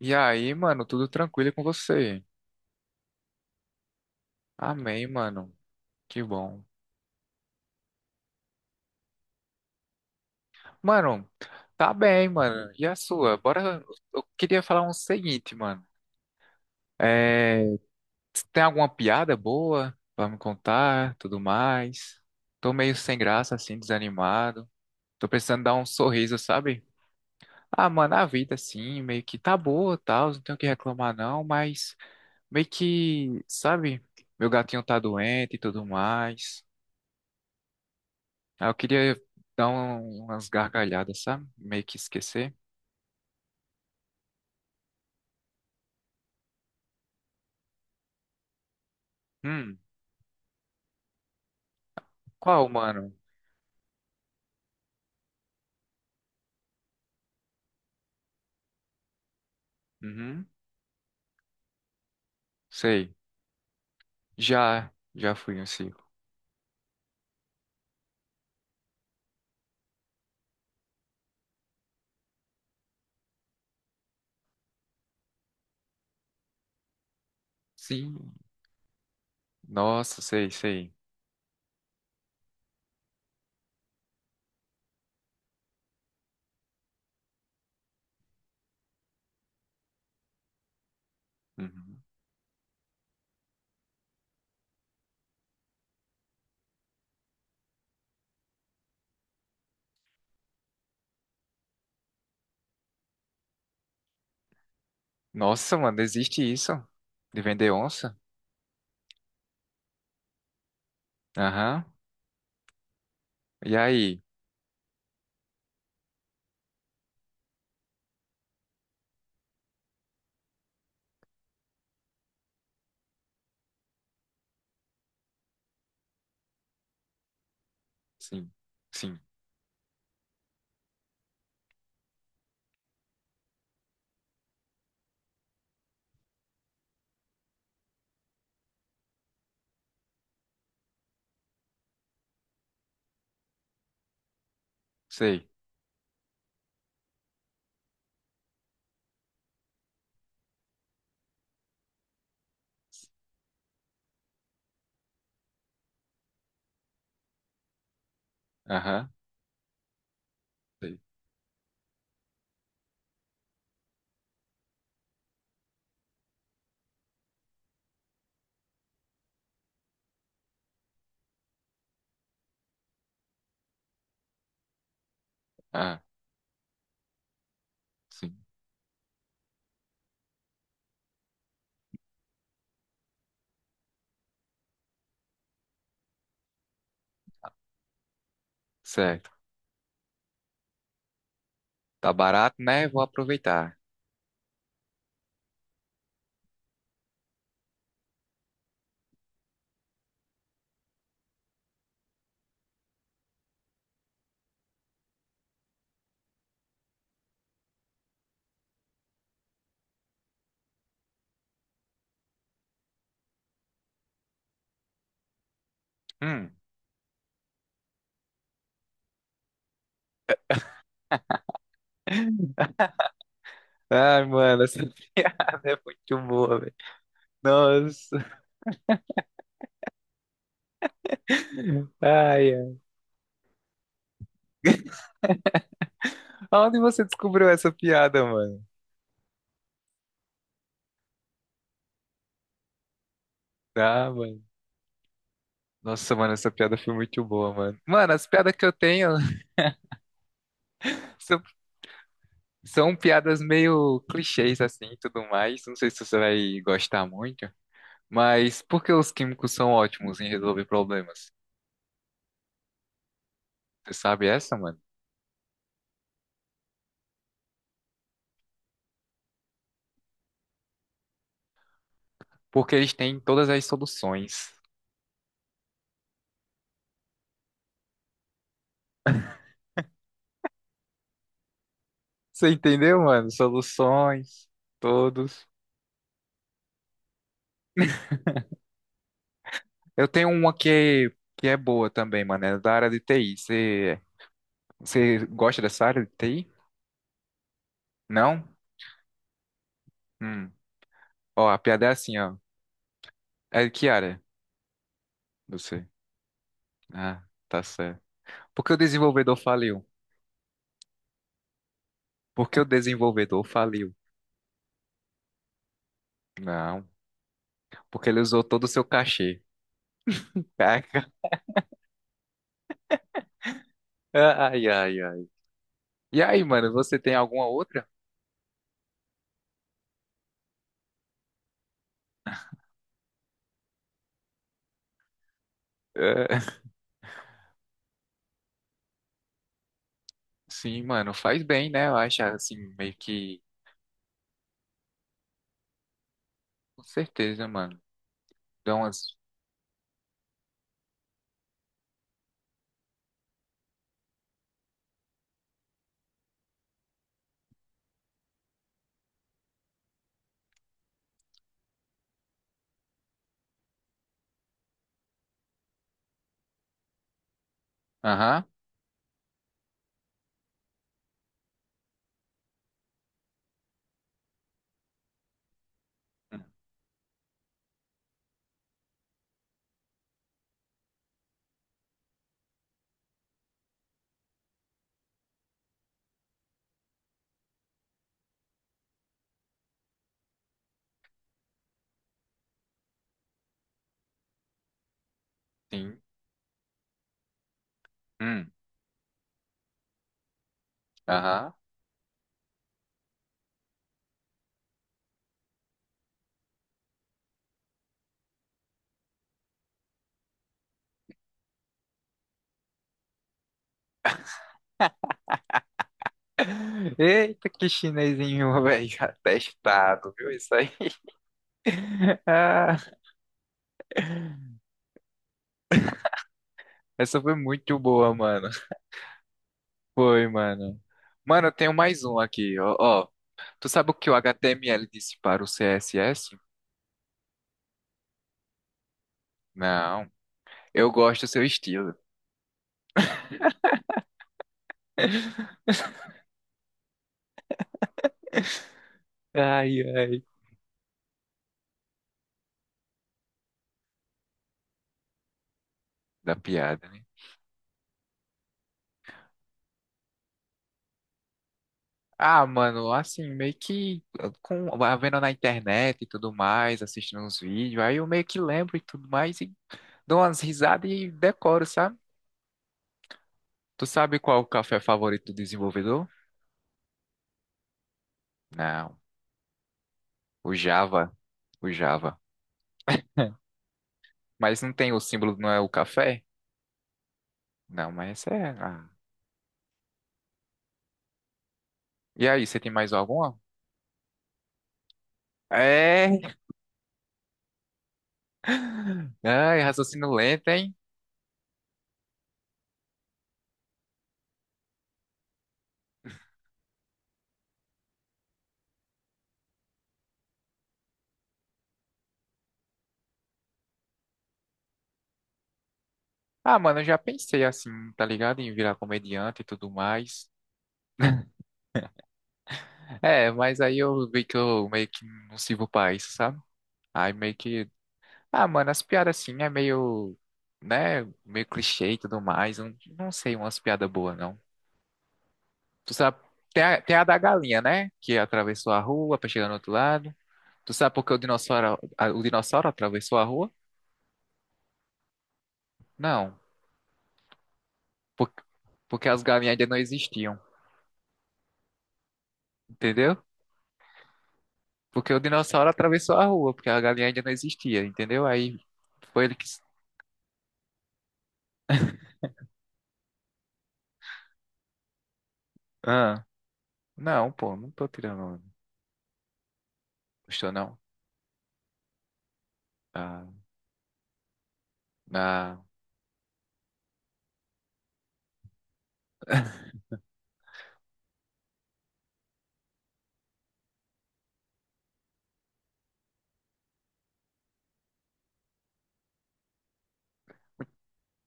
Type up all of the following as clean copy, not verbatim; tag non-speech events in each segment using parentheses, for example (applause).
E aí, mano, tudo tranquilo com você? Amém, mano. Que bom. Mano, tá bem, mano. E a sua? Bora. Eu queria falar um seguinte, mano. É... Tem alguma piada boa pra me contar, tudo mais? Tô meio sem graça, assim, desanimado. Tô precisando dar um sorriso, sabe? Ah, mano, a vida, assim, meio que tá boa, tal. Não tenho o que reclamar, não. Mas meio que, sabe? Meu gatinho tá doente e tudo mais. Ah, eu queria umas gargalhadas, sabe? Meio que esquecer. Hum, qual, mano? Uhum, sei. Já fui um circo. Sim. Nossa, sei, sei. Uhum. Nossa, mano, existe isso? De vender onça? Aham. E aí? Sim, sim, sei. Aham, sei. Ah, sim. Certo. Tá barato, né? Vou aproveitar. Hum. (laughs) Ai, mano, essa (laughs) piada é muito boa, velho. Nossa. Ai, ai. Onde você descobriu essa piada, mano? Ah, mano. Nossa, mano, essa piada foi muito boa, mano. Mano, as piadas que eu tenho (laughs) são, são piadas meio clichês, assim, e tudo mais. Não sei se você vai gostar muito, mas por que os químicos são ótimos em resolver problemas? Você sabe essa, mano? Porque eles têm todas as soluções. Você entendeu, mano? Soluções, todos. Eu tenho uma que é boa também, mano. É da área de TI. Você gosta dessa área de TI? Não? Hum. Ó, a piada é assim, ó. É que área? Você. Ah, tá certo. Por que o desenvolvedor faliu? Por que o desenvolvedor faliu? Não, porque ele usou todo o seu cachê. Caraca. Ai, ai, ai. E aí, mano, você tem alguma outra? É, sim, mano, faz bem, né? Eu acho assim, meio que. Com certeza, mano. Dá umas. Aham. Hum, sim. Hum. Aham. (laughs) Eita, que chinesinho, velho. (laughs) Atestado, viu isso aí? (laughs) Ah. Essa foi muito boa, mano. Foi, mano. Mano, eu tenho mais um aqui, ó, ó. Tu sabe o que o HTML disse para o CSS? Não. Eu gosto do seu estilo. (laughs) Ai, ai. Da piada, né? Ah, mano, assim, meio que com, vendo na internet e tudo mais, assistindo uns vídeos, aí eu meio que lembro e tudo mais e dou umas risadas e decoro, sabe? Tu sabe qual é o café favorito do desenvolvedor? Não, o Java, o Java. Mas não tem o símbolo, não é o café? Não, mas essa é. Ah. E aí, você tem mais alguma? É. Ai, raciocínio lento, hein? Ah, mano, eu já pensei assim, tá ligado? Em virar comediante e tudo mais. É, mas aí eu vi que eu meio que não sirvo pra isso, sabe? Aí meio que. Ah, mano, as piadas assim é meio. Né? Meio clichê e tudo mais. Não, não sei umas piadas boas, não. Tu sabe. Tem a da galinha, né? Que atravessou a rua pra chegar no outro lado. Tu sabe por que o dinossauro atravessou a rua? Não. por- Porque as galinhas ainda não existiam, entendeu? Porque o dinossauro atravessou a rua, porque a galinha ainda não existia, entendeu? Aí foi ele que. S- Ah, não, pô, não tô tirando. Gostou, não? Ah, ah,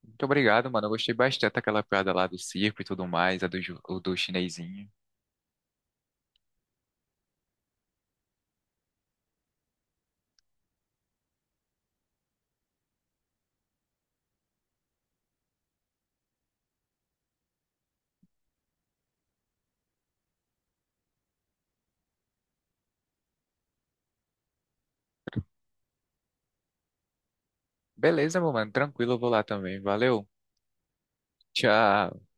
Muito obrigado, mano. Eu gostei bastante daquela piada lá do circo e tudo mais, o do chinesinho. Beleza, meu mano, tranquilo, eu vou lá também. Valeu, tchau.